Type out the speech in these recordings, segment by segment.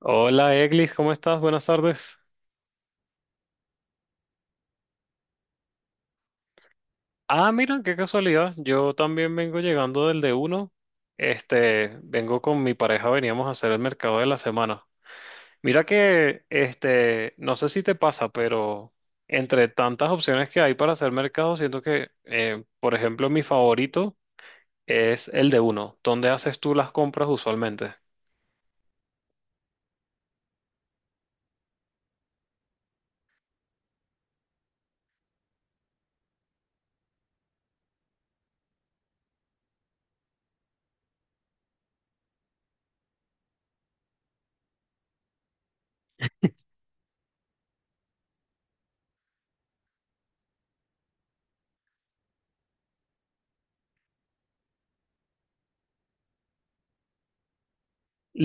Hola Eglis, ¿cómo estás? Buenas tardes. Ah, mira, qué casualidad. Yo también vengo llegando del de uno. Vengo con mi pareja, veníamos a hacer el mercado de la semana. Mira que, no sé si te pasa, pero entre tantas opciones que hay para hacer mercado, siento que, por ejemplo, mi favorito es el de uno. ¿Dónde haces tú las compras usualmente?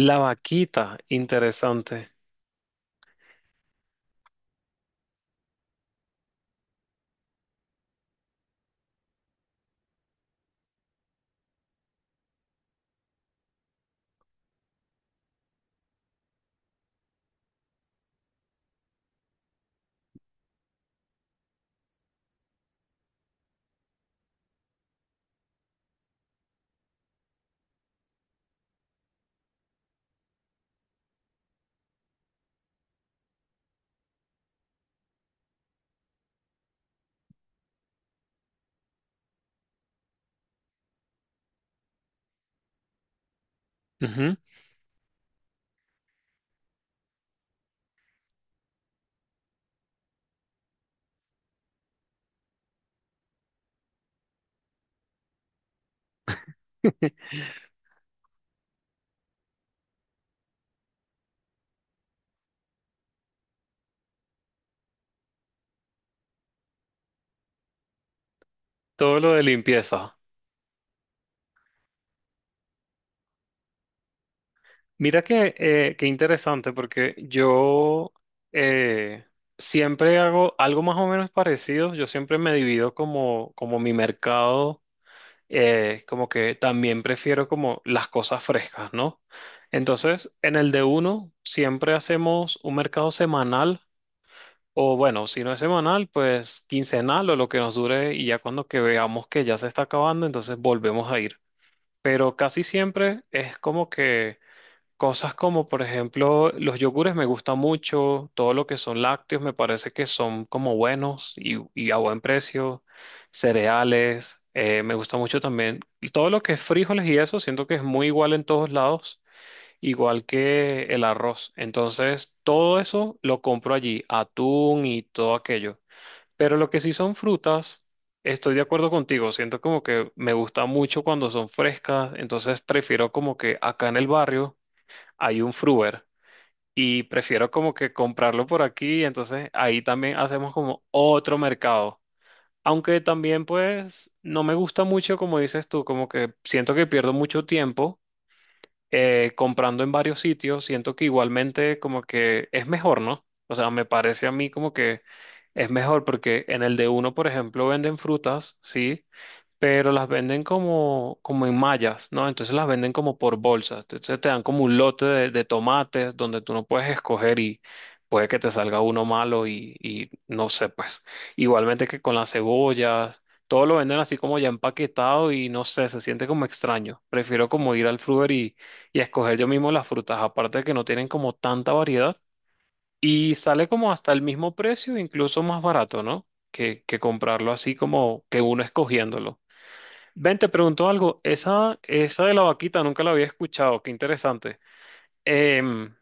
La vaquita, interesante. Ujú. Todo lo de limpieza. Mira que, qué interesante, porque yo eh, siempre hago algo más o menos parecido. Yo siempre me divido como mi mercado, como que también prefiero como las cosas frescas, ¿no? Entonces, en el de uno siempre hacemos un mercado semanal, o bueno, si no es semanal, pues quincenal o lo que nos dure, y ya cuando que veamos que ya se está acabando, entonces volvemos a ir. Pero casi siempre es como que cosas como, por ejemplo, los yogures me gustan mucho, todo lo que son lácteos me parece que son como buenos y a buen precio, cereales, me gusta mucho también. Y todo lo que es frijoles y eso, siento que es muy igual en todos lados, igual que el arroz. Entonces, todo eso lo compro allí, atún y todo aquello. Pero lo que sí son frutas, estoy de acuerdo contigo, siento como que me gusta mucho cuando son frescas, entonces prefiero como que acá en el barrio hay un Fruver y prefiero como que comprarlo por aquí, entonces ahí también hacemos como otro mercado. Aunque también pues no me gusta mucho, como dices tú, como que siento que pierdo mucho tiempo comprando en varios sitios, siento que igualmente como que es mejor, ¿no? O sea, me parece a mí como que es mejor porque en el de uno, por ejemplo, venden frutas, ¿sí? Pero las venden como en mallas, ¿no? Entonces las venden como por bolsas. Entonces te dan como un lote de tomates donde tú no puedes escoger y puede que te salga uno malo y no sé, pues. Igualmente que con las cebollas, todo lo venden así como ya empaquetado y no sé, se siente como extraño. Prefiero como ir al fruver y escoger yo mismo las frutas, aparte de que no tienen como tanta variedad y sale como hasta el mismo precio, incluso más barato, ¿no? Que comprarlo así como que uno escogiéndolo. Ven, te pregunto algo. Esa de la vaquita nunca la había escuchado. Qué interesante. Em,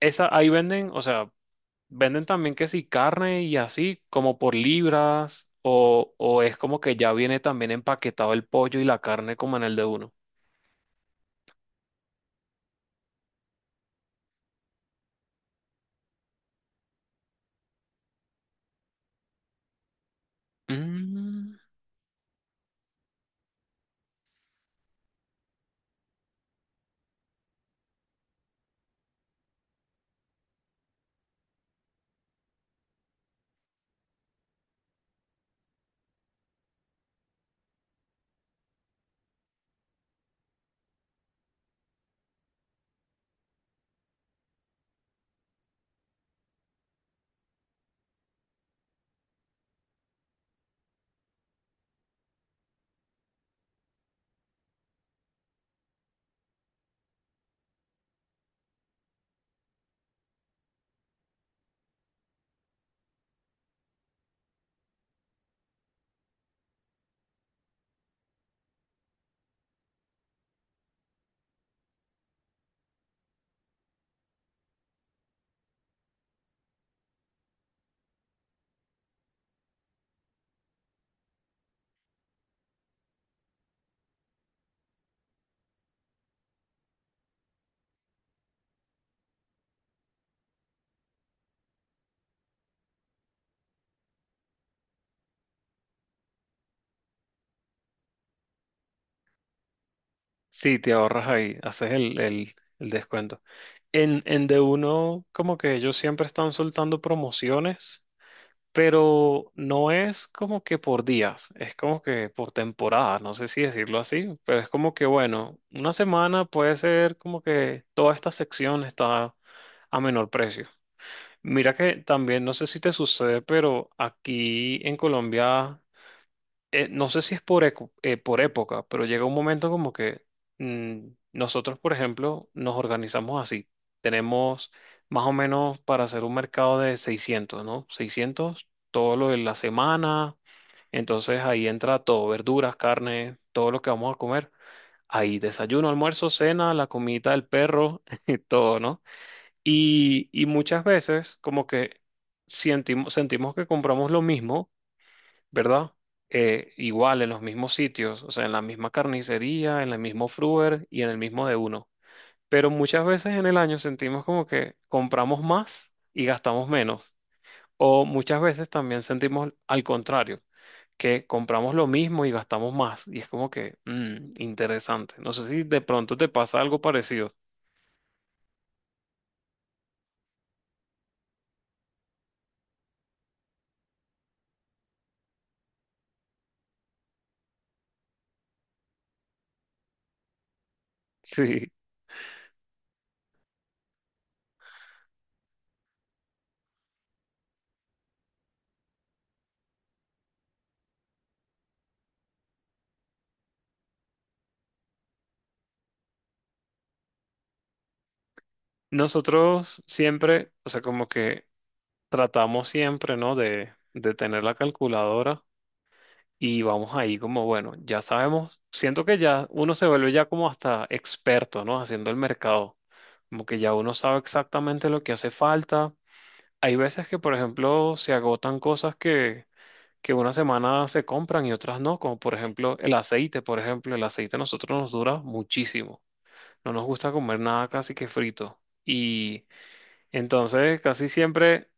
Esa ahí venden, o sea, venden también que sí, carne y así, como por libras, o es como que ya viene también empaquetado el pollo y la carne como en el de uno. Mm, sí, te ahorras ahí, haces el descuento. En de uno, como que ellos siempre están soltando promociones. Pero no es como que por días, es como que por temporada, no sé si decirlo así, pero es como que, bueno, una semana puede ser como que toda esta sección está a menor precio. Mira que también, no sé si te sucede, pero aquí en Colombia, no sé si es por época, pero llega un momento como que mm, nosotros, por ejemplo, nos organizamos así. Tenemos más o menos para hacer un mercado de 600, ¿no? 600 todo lo de la semana. Entonces ahí entra todo, verduras, carne, todo lo que vamos a comer. Ahí desayuno, almuerzo, cena, la comidita del perro, y todo, ¿no? Y muchas veces como que sentimos que compramos lo mismo, ¿verdad? Igual en los mismos sitios, o sea, en la misma carnicería, en el mismo fruver y en el mismo de uno. Pero muchas veces en el año sentimos como que compramos más y gastamos menos. O muchas veces también sentimos al contrario, que compramos lo mismo y gastamos más. Y es como que, interesante. No sé si de pronto te pasa algo parecido. Sí. Nosotros siempre, o sea, como que tratamos siempre, ¿no? De tener la calculadora. Y vamos ahí como, bueno, ya sabemos, siento que ya uno se vuelve ya como hasta experto, ¿no? Haciendo el mercado, como que ya uno sabe exactamente lo que hace falta. Hay veces que, por ejemplo, se agotan cosas que una semana se compran y otras no, como por ejemplo el aceite, por ejemplo, el aceite a nosotros nos dura muchísimo. No nos gusta comer nada casi que frito. Y entonces, casi siempre,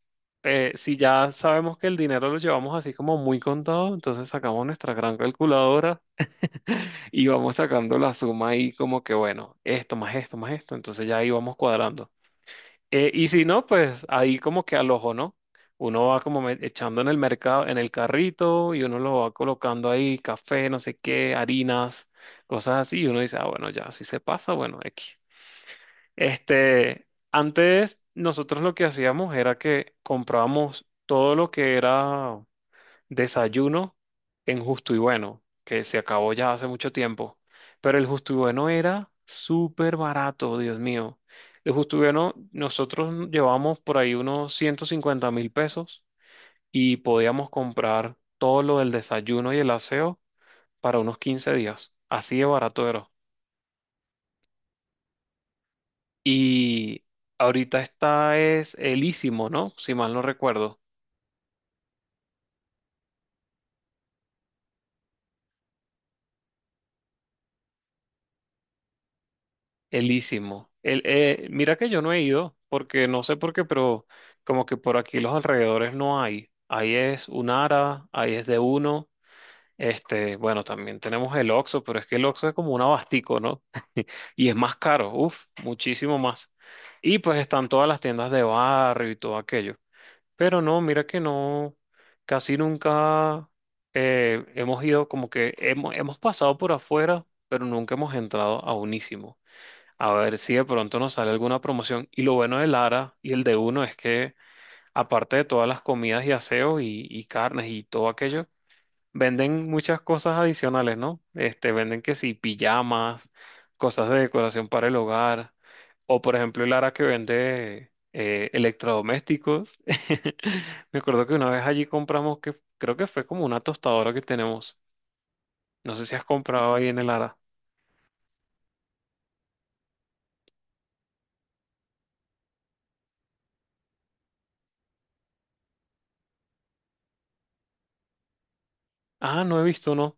si ya sabemos que el dinero lo llevamos así como muy contado, entonces sacamos nuestra gran calculadora y vamos sacando la suma ahí como que, bueno, esto más esto más esto, entonces ya ahí vamos cuadrando. Y si no, pues ahí como que al ojo, ¿no? Uno va echando en el mercado, en el carrito y uno lo va colocando ahí, café, no sé qué, harinas, cosas así, y uno dice, ah, bueno, ya, si se pasa, bueno, X. Antes nosotros lo que hacíamos era que comprábamos todo lo que era desayuno en Justo y Bueno, que se acabó ya hace mucho tiempo. Pero el Justo y Bueno era súper barato, Dios mío. El Justo y Bueno, nosotros llevábamos por ahí unos 150.000 pesos y podíamos comprar todo lo del desayuno y el aseo para unos 15 días. Así de barato era. Y ahorita está es Elísimo, ¿no? Si mal no recuerdo. Elísimo. Mira que yo no he ido, porque no sé por qué, pero como que por aquí los alrededores no hay. Ahí es Unara, ahí es de uno. Bueno, también tenemos el Oxxo, pero es que el Oxxo es como un abastico, ¿no? Y es más caro, uff, muchísimo más. Y pues están todas las tiendas de barrio y todo aquello. Pero no, mira que no, casi nunca hemos ido, como que hemos pasado por afuera, pero nunca hemos entrado a Unísimo. A ver si de pronto nos sale alguna promoción. Y lo bueno de Lara y el de Uno es que, aparte de todas las comidas y aseos y carnes y todo aquello, venden muchas cosas adicionales, ¿no? Venden que sí, pijamas, cosas de decoración para el hogar, o por ejemplo el Ara que vende electrodomésticos. Me acuerdo que una vez allí compramos que creo que fue como una tostadora que tenemos. No sé si has comprado ahí en el Ara. Ah, no he visto, no.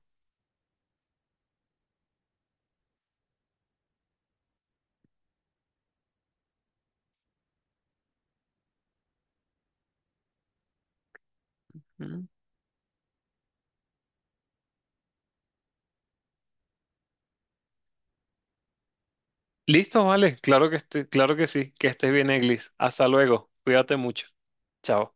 Mm. Listo, vale, claro que claro que sí, que estés bien, Eglis. Hasta luego, cuídate mucho. Chao.